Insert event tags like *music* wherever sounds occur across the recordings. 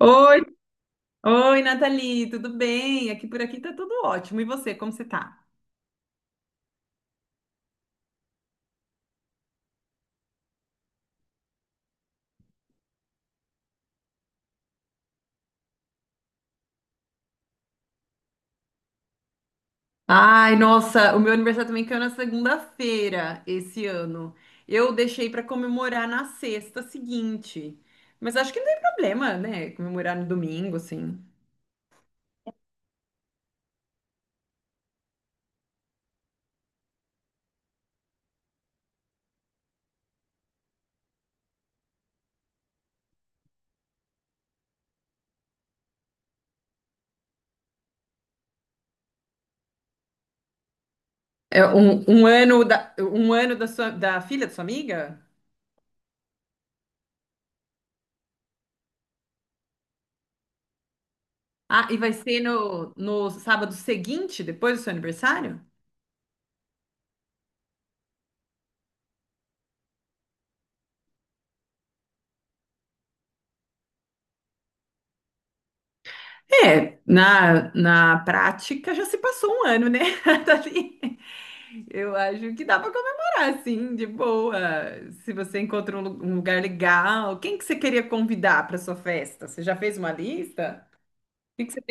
Oi, Nathalie, tudo bem? Aqui por aqui tá tudo ótimo. E você, como você tá? Ai, nossa, o meu aniversário também caiu na segunda-feira esse ano. Eu deixei pra comemorar na sexta seguinte. Mas acho que não tem problema, né? Comemorar no domingo, assim. É um ano um ano da sua, da filha da sua amiga? Ah, e vai ser no sábado seguinte, depois do seu aniversário? É, na prática já se passou um ano, né? *laughs* Dali. Eu acho que dá para comemorar, assim, de boa. Se você encontra um lugar legal, quem que você queria convidar para sua festa? Você já fez uma lista? O que que você...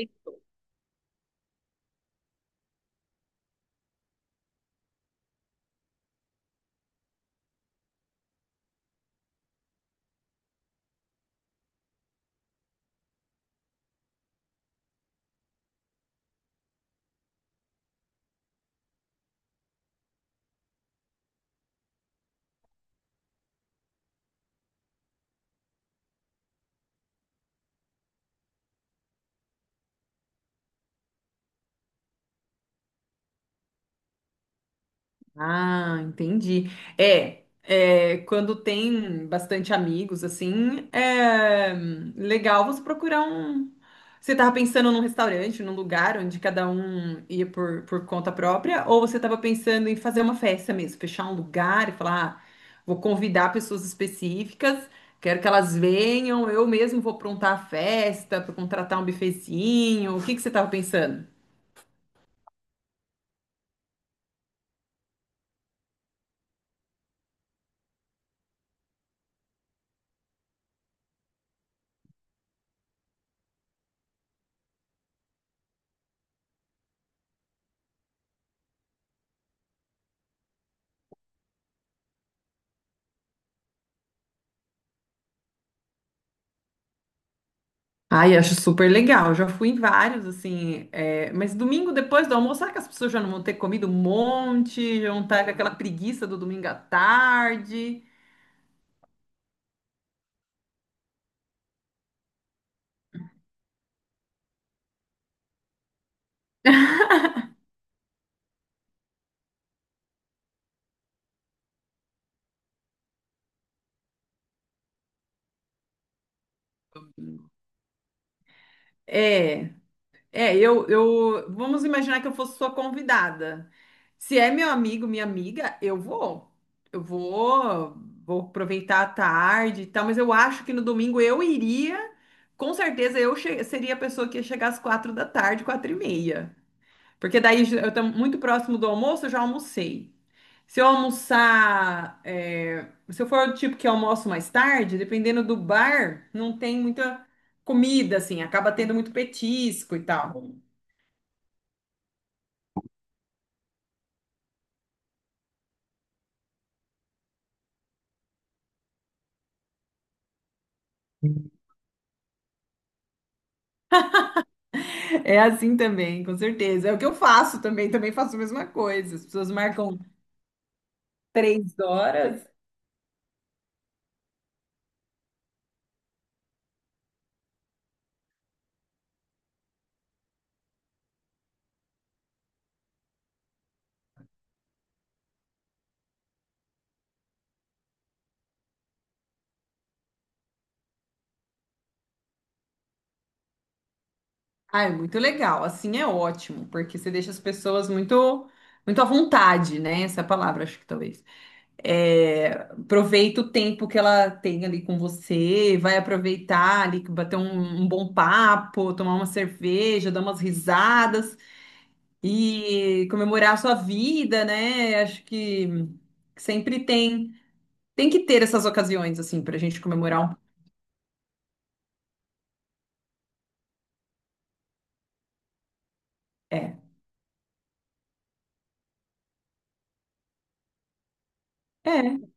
Ah, entendi. É, é, quando tem bastante amigos, assim, é legal você procurar um. Você estava pensando num restaurante, num lugar onde cada um ia por conta própria, ou você estava pensando em fazer uma festa mesmo, fechar um lugar e falar, ah, vou convidar pessoas específicas, quero que elas venham, eu mesmo vou aprontar a festa, para contratar um bufezinho. O que que você estava pensando? Ai, acho super legal. Já fui em vários, assim. É, mas domingo depois do almoço, será que as pessoas já não vão ter comido um monte? Já vão estar com aquela preguiça do domingo à tarde? É, é, eu, eu. Vamos imaginar que eu fosse sua convidada. Se é meu amigo, minha amiga, eu vou. Eu vou, Vou aproveitar a tarde e tal, mas eu acho que no domingo eu iria. Com certeza seria a pessoa que ia chegar às quatro da tarde, quatro e meia. Porque daí eu estou muito próximo do almoço, eu já almocei. Se eu almoçar, se eu for o tipo que almoço mais tarde, dependendo do bar, não tem muita comida, assim, acaba tendo muito petisco e tal. É assim também, com certeza. É o que eu faço também, também faço a mesma coisa. As pessoas marcam três horas. Ah, é muito legal. Assim é ótimo, porque você deixa as pessoas muito à vontade, né? Essa é a palavra, acho que talvez. É, aproveita o tempo que ela tem ali com você, vai aproveitar ali, bater um bom papo, tomar uma cerveja, dar umas risadas e comemorar a sua vida, né? Acho que sempre tem, tem que ter essas ocasiões assim pra gente comemorar um. É. É.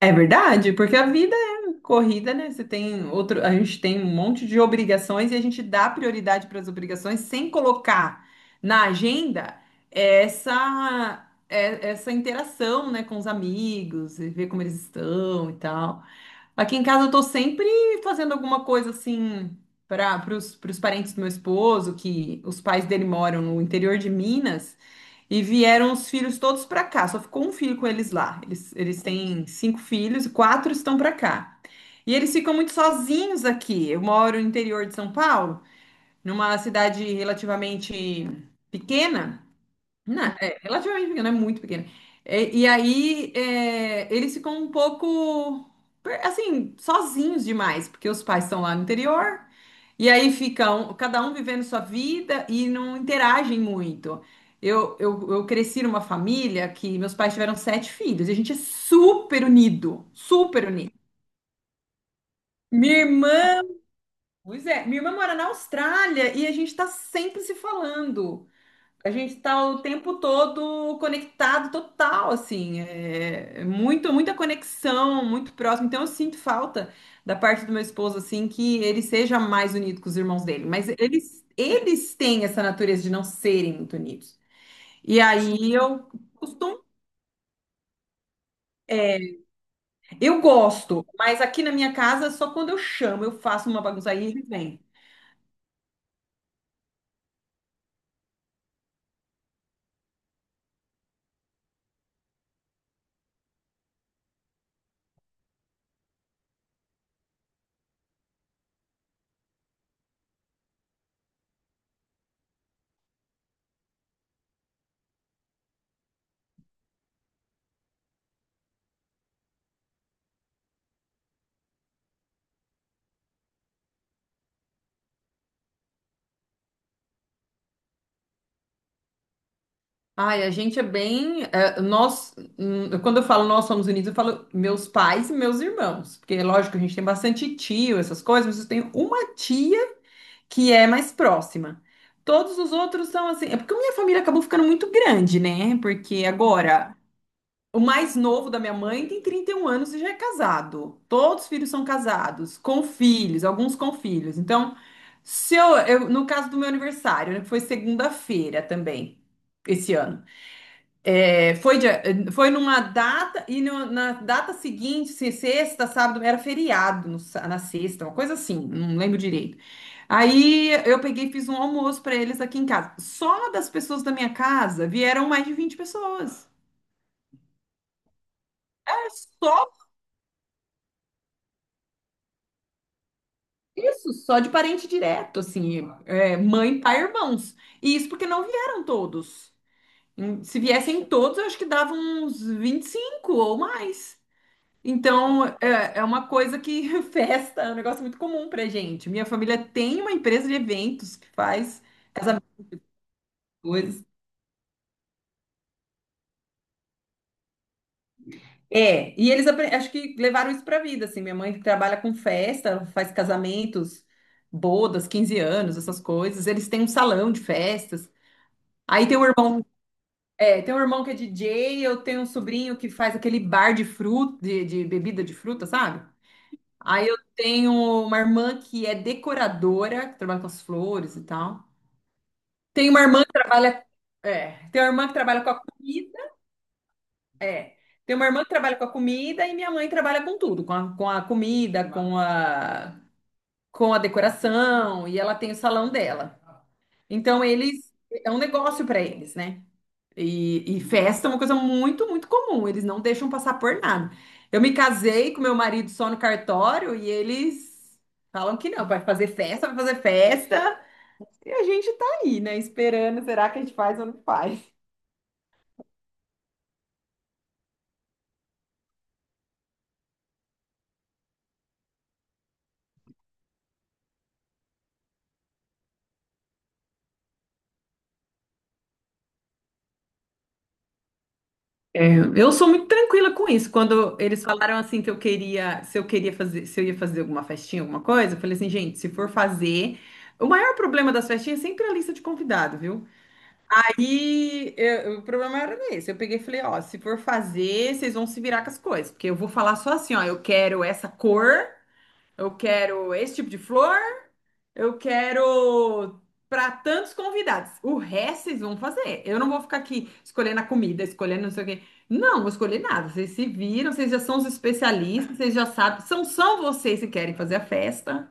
É verdade, porque a vida é corrida, né? Você tem outro, a gente tem um monte de obrigações e a gente dá prioridade para as obrigações sem colocar na agenda essa essa interação, né, com os amigos, e ver como eles estão e tal. Aqui em casa eu tô sempre fazendo alguma coisa assim pros parentes do meu esposo, que os pais dele moram no interior de Minas, e vieram os filhos todos para cá. Só ficou um filho com eles lá. Eles têm cinco filhos e quatro estão para cá. E eles ficam muito sozinhos aqui. Eu moro no interior de São Paulo, numa cidade relativamente pequena. Não, é relativamente pequeno, é muito pequeno. É, e aí é, eles ficam um pouco assim, sozinhos demais, porque os pais estão lá no interior, e aí ficam cada um vivendo sua vida e não interagem muito. Eu cresci numa família que meus pais tiveram sete filhos, e a gente é super unido, super unido. Minha irmã, pois é, minha irmã mora na Austrália e a gente tá sempre se falando. A gente tá o tempo todo conectado, total, assim, é é muito, muita conexão, muito próximo. Então eu sinto falta da parte do meu esposo, assim, que ele seja mais unido com os irmãos dele. Mas eles têm essa natureza de não serem muito unidos. E aí eu costumo, é, eu gosto, mas aqui na minha casa, só quando eu chamo, eu faço uma bagunça aí, ele vem. Ai, a gente é bem. É, quando eu falo nós somos unidos, eu falo meus pais e meus irmãos. Porque, lógico, a gente tem bastante tio, essas coisas, mas eu tenho uma tia que é mais próxima. Todos os outros são assim. É porque a minha família acabou ficando muito grande, né? Porque agora, o mais novo da minha mãe tem 31 anos e já é casado. Todos os filhos são casados, com filhos, alguns com filhos. Então, se no caso do meu aniversário, né, que foi segunda-feira também, esse ano. É, foi, foi numa data e na data seguinte, sexta, sábado, era feriado no sa- na sexta, uma coisa assim, não lembro direito. Aí eu peguei e fiz um almoço para eles aqui em casa. Só das pessoas da minha casa vieram mais de 20 pessoas. É só isso, só de parente direto, assim, é, mãe, pai, irmãos. E isso porque não vieram todos. Se viessem todos, eu acho que dava uns 25 ou mais. Então, é, é uma coisa que *laughs* festa, é um negócio muito comum pra gente. Minha família tem uma empresa de eventos que faz essas coisas. É, e acho que levaram isso pra vida, assim. Minha mãe trabalha com festa, ela faz casamentos, bodas, 15 anos, essas coisas. Eles têm um salão de festas. Aí tem um irmão, é, tem um irmão que é DJ, eu tenho um sobrinho que faz aquele bar de fruta, de bebida de fruta, sabe? Aí eu tenho uma irmã que é decoradora, que trabalha com as flores e tal. Tem uma irmã que trabalha. É, tem uma irmã que trabalha com a comida. É. Tem uma irmã que trabalha com a comida e minha mãe trabalha com tudo, com a comida, com a decoração, e ela tem o salão dela. Então eles é um negócio para eles, né? E festa é uma coisa muito comum. Eles não deixam passar por nada. Eu me casei com meu marido só no cartório e eles falam que não, vai fazer festa, vai fazer festa. E a gente tá aí, né? Esperando, será que a gente faz ou não faz? É, eu sou muito tranquila com isso. Quando eles falaram assim que eu queria, se eu queria fazer, se eu ia fazer alguma festinha, alguma coisa, eu falei assim, gente, se for fazer, o maior problema das festinhas é sempre a lista de convidado, viu? O problema era esse. Eu peguei e falei, ó, se for fazer, vocês vão se virar com as coisas, porque eu vou falar só assim, ó, eu quero essa cor, eu quero esse tipo de flor, eu quero para tantos convidados. O resto vocês vão fazer. Eu não vou ficar aqui escolhendo a comida, escolhendo não sei o quê. Não, vou escolher nada. Vocês se viram, vocês já são os especialistas, vocês já sabem. São só vocês que querem fazer a festa.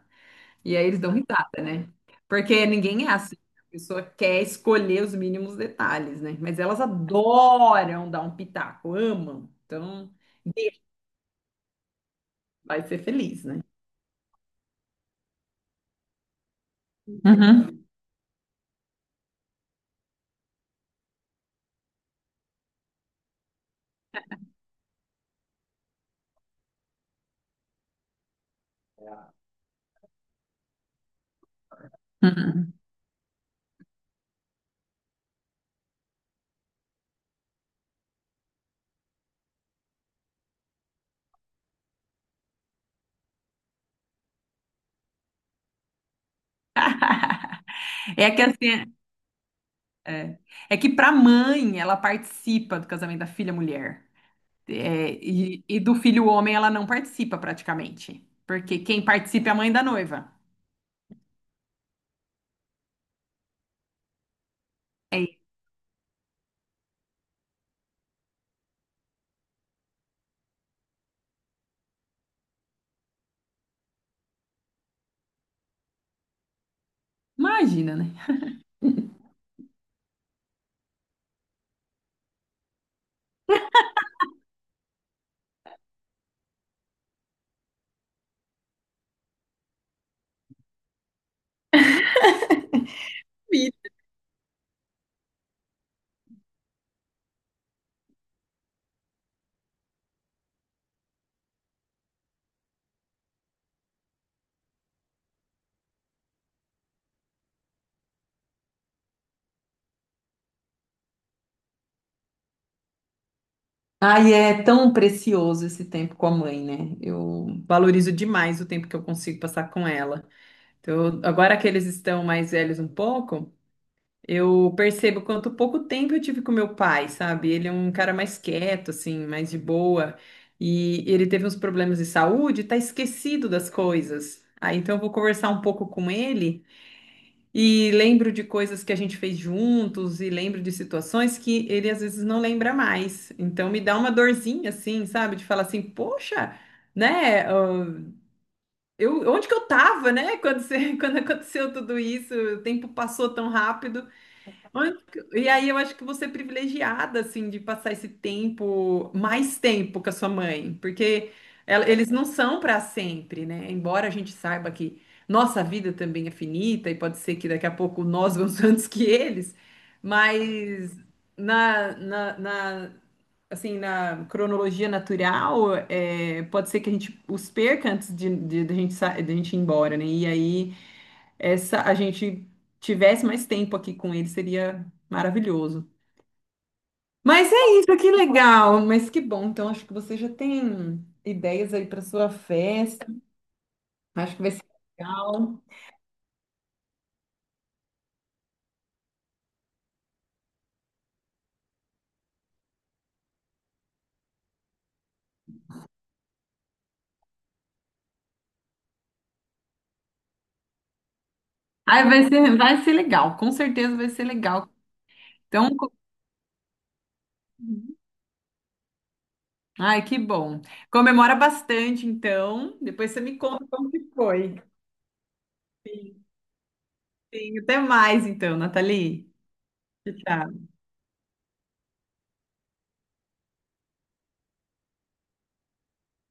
E aí eles dão risada, né? Porque ninguém é assim. A pessoa quer escolher os mínimos detalhes, né? Mas elas adoram dar um pitaco, amam. Então, vai ser feliz, né? Uhum, uhum. É que assim, é, é que para mãe, ela participa do casamento da filha mulher. É, e do filho homem, ela não participa praticamente. Porque quem participa é a mãe da noiva. É, imagina, né? Vida. Ai, é tão precioso esse tempo com a mãe, né? Eu valorizo demais o tempo que eu consigo passar com ela. Então, agora que eles estão mais velhos um pouco. Eu percebo quanto pouco tempo eu tive com meu pai, sabe? Ele é um cara mais quieto, assim, mais de boa. E ele teve uns problemas de saúde, tá esquecido das coisas. Aí então eu vou conversar um pouco com ele e lembro de coisas que a gente fez juntos e lembro de situações que ele às vezes não lembra mais. Então me dá uma dorzinha, assim, sabe? De falar assim, poxa, né? Eu, onde que eu tava, né? Quando, *laughs* quando aconteceu tudo isso, o tempo passou tão rápido. Ai, e aí eu acho que você é privilegiada, assim, de passar esse tempo, mais tempo com a sua mãe, porque eles não são para sempre, né? Embora a gente saiba que nossa vida também é finita e pode ser que daqui a pouco nós vamos *laughs* antes que eles, mas na, na, na- assim, na cronologia natural, é, pode ser que a gente os perca antes de a gente, de a gente ir embora, né? E aí essa a gente tivesse mais tempo aqui com ele, seria maravilhoso. Mas é isso, que legal, mas que bom. Então acho que você já tem ideias aí para sua festa. Acho que vai ser legal. Ai, vai ser legal, com certeza vai ser legal. Então, ai, que bom. Comemora bastante, então. Depois você me conta como que foi. Sim, sim. Até mais, então, Nathalie. Tchau, tchau.